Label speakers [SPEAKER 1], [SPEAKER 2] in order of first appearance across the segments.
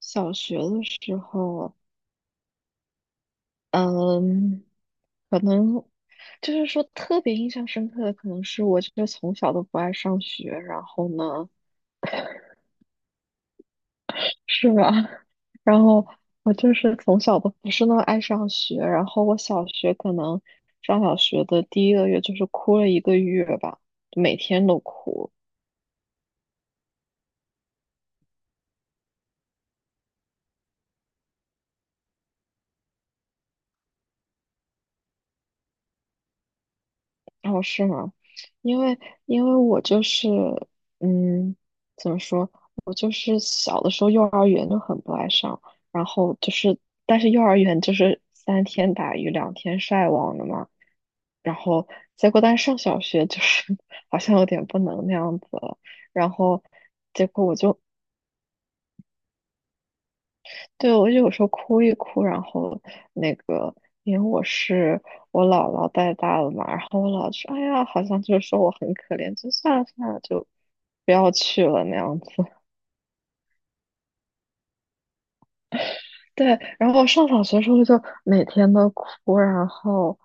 [SPEAKER 1] 小学的时候，嗯，可能就是说特别印象深刻的，可能是我就是从小都不爱上学，然后呢，是吧？然后我就是从小都不是那么爱上学，然后我小学可能上小学的第一个月就是哭了一个月吧，每天都哭。哦，是吗？因为因为我就是，嗯，怎么说？我就是小的时候幼儿园就很不爱上，然后就是，但是幼儿园就是三天打鱼两天晒网的嘛。然后结果，但是上小学就是 好像有点不能那样子了。然后结果对，我就有时候哭一哭，然后那个，因为我是我姥姥带大的嘛，然后我姥姥说，哎呀，好像就是说我很可怜，就算了算了，就不要去了那样子。对，然后我上小学的时候就每天都哭，然后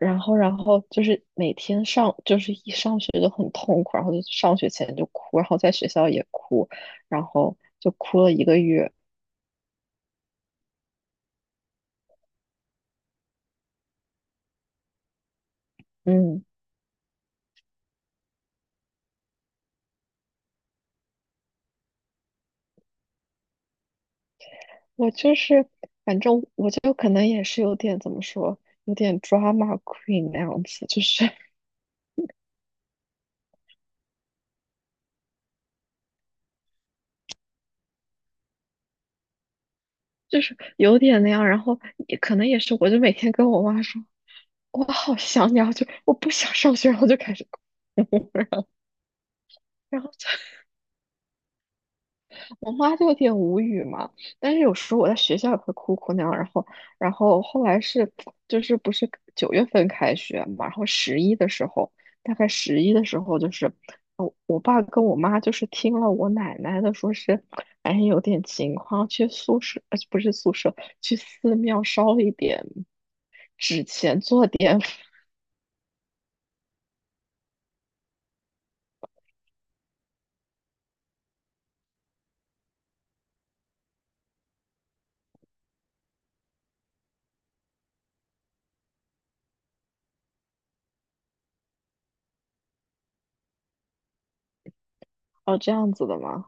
[SPEAKER 1] 然后然后就是每天上就是一上学就很痛苦，然后就上学前就哭，然后在学校也哭，然后就哭了一个月，嗯。我就是，反正我就可能也是有点怎么说，有点 drama queen 那样子，就是 就是有点那样。然后也可能也是，我就每天跟我妈说，我好想你，啊，就我不想上学，然后就开始哭，然后就我妈就有点无语嘛，但是有时候我在学校也会哭哭那样，然后后来是，就是不是九月份开学嘛，然后十一的时候，大概十一的时候，就是我爸跟我妈就是听了我奶奶的，说是，哎，有点情况，去宿舍，不是宿舍，去寺庙烧一点纸钱，做点 哦，这样子的嘛。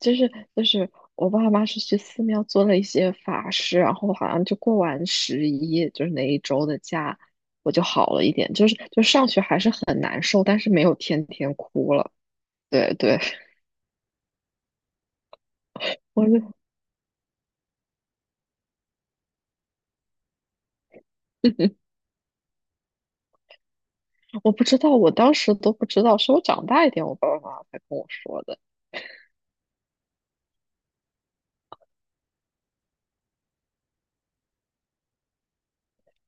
[SPEAKER 1] 就是我爸妈是去寺庙做了一些法事，然后好像就过完十一，就是那一周的假，我就好了一点。就是就上学还是很难受，但是没有天天哭了。对对，我就 我不知道，我当时都不知道，是我长大一点，我爸爸妈妈才跟我说的。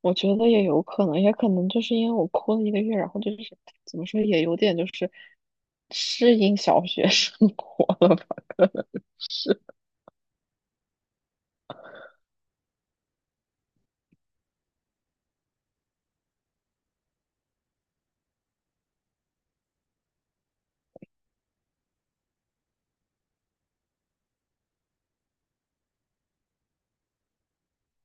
[SPEAKER 1] 我觉得也有可能，也可能就是因为我哭了一个月，然后就是怎么说，也有点就是适应小学生活了。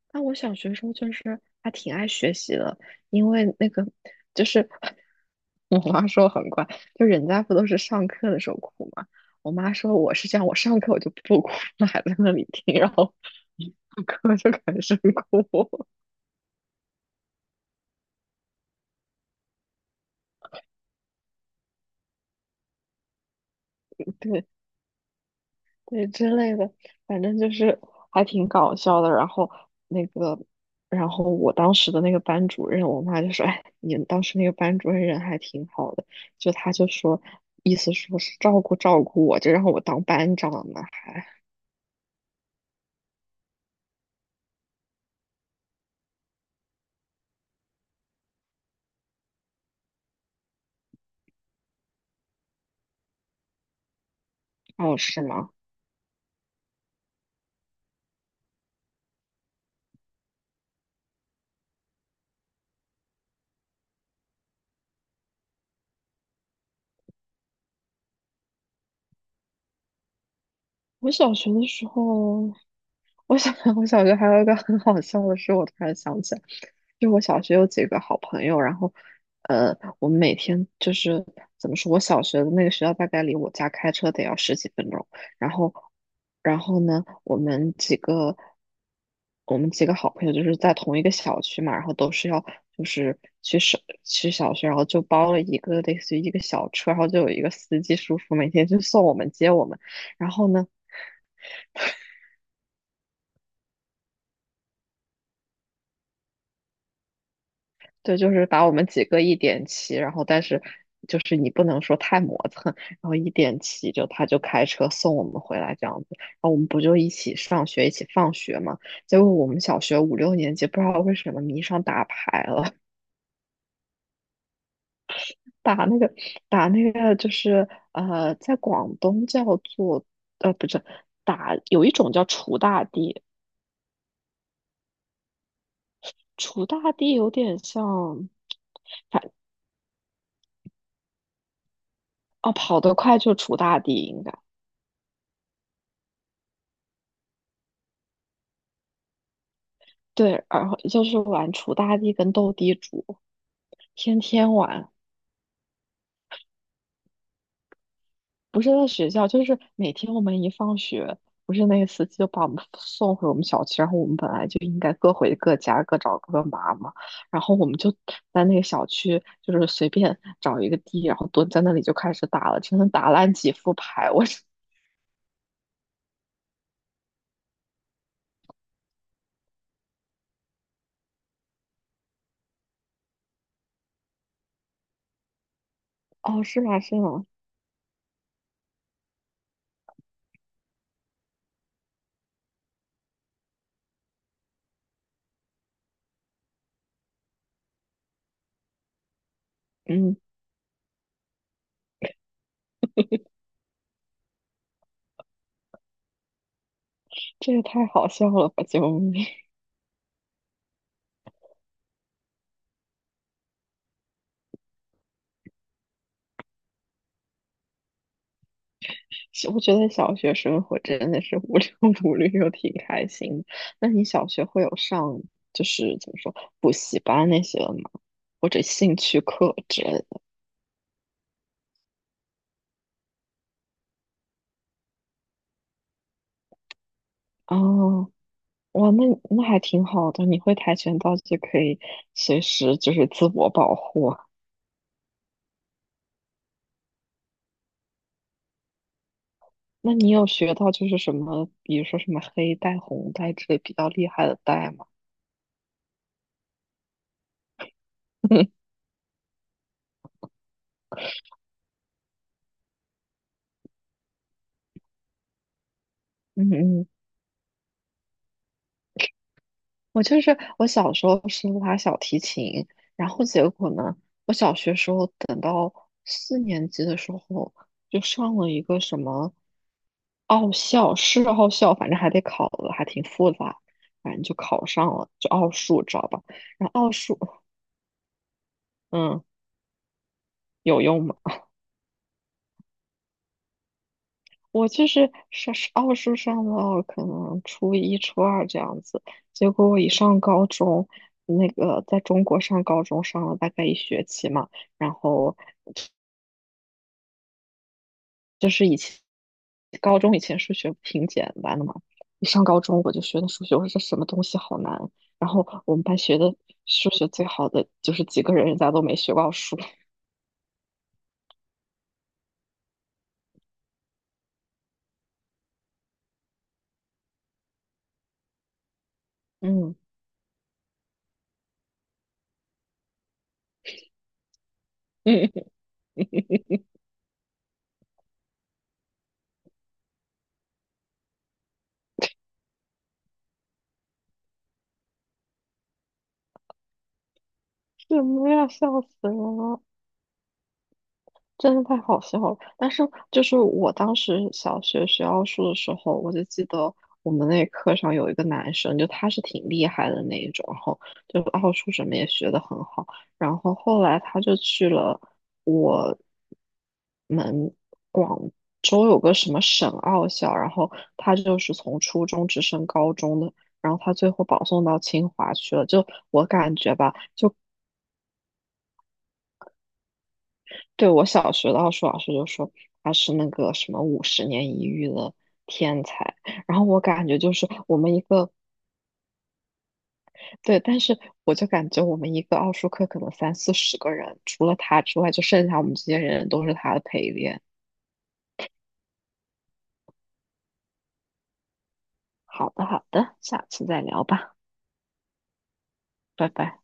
[SPEAKER 1] 但我小学时候就是还挺爱学习的，因为那个就是 我妈说我很乖，就人家不都是上课的时候哭嘛，我妈说我是这样，我上课我就不哭了，还在那里听，然后 一上课就开始哭，对，对之类的，反正就是还挺搞笑的。然后那个，然后我当时的那个班主任，我妈就说："哎，你们当时那个班主任人还挺好的。"就她就说，意思说是照顾照顾我，就让我当班长呢，还哦是吗？我小学的时候。我小 我小学还有一个很好笑的事，我突然想起来，就我小学有几个好朋友，然后，我们每天就是怎么说，我小学的那个学校大概离我家开车得要十几分钟，然后，然后呢，我们几个好朋友就是在同一个小区嘛，然后都是要就是去小学，然后就包了一个类似于一个小车，然后就有一个司机叔叔每天就送我们接我们，然后呢。对，就是把我们几个一点齐，然后但是就是你不能说太磨蹭，然后一点齐就他就开车送我们回来这样子，然后我们不就一起上学一起放学嘛？结果我们小学五六年级不知道为什么迷上打牌了，打那个打那个就是在广东叫做不是有一种叫锄大地，锄大地有点像，反哦跑得快就锄大地应该。对，然后就是玩锄大地跟斗地主，天天玩，不是在学校，就是每天我们一放学，不是那个司机就把我们送回我们小区，然后我们本来就应该各回各家，各找各妈嘛，然后我们就在那个小区，就是随便找一个地，然后蹲在那里就开始打了，真的打烂几副牌，我 是，哦，是吗？是吗？嗯，这也太好笑了吧！救命！我觉得小学生活真的是无忧无虑又挺开心的。那你小学会有上就是怎么说补习班那些的吗？或者兴趣课之类的？哦，哇，那那还挺好的。你会跆拳道就可以随时就是自我保护啊。那你有学到就是什么，比如说什么黑带、红带之类比较厉害的带吗？嗯嗯。我就是我小时候是拉小提琴，然后结果呢，我小学时候等到四年级的时候，就上了一个什么奥校，是奥校，反正还得考的，还挺复杂，反正就考上了，就奥数，知道吧？然后奥数，嗯，有用吗？我就是上奥数上到可能初一、初二这样子，结果我一上高中，那个在中国上高中上了大概一学期嘛。然后高中以前数学挺简单的嘛，一上高中我就学的数学，我说这什么东西好难。然后我们班学的数学最好的就是几个人，人家都没学过数。嗯嗯，什么呀，笑死人了。真的太好笑了。但是就是我当时小学学奥数的时候，我就记得我们那课上有一个男生，就他是挺厉害的那一种，然后就奥数什么也学得很好。然后后来他就去了我们广州有个什么省奥校，然后他就是从初中直升高中的，然后他最后保送到清华去了。就我感觉吧。对，我小学的奥数老师就说他是那个什么五十年一遇的天才，然后我感觉就是我们一个，对，但是我就感觉我们一个奥数课可能三四十个人，除了他之外，就剩下我们这些人都是他的陪练。好的，好的，下次再聊吧，拜拜。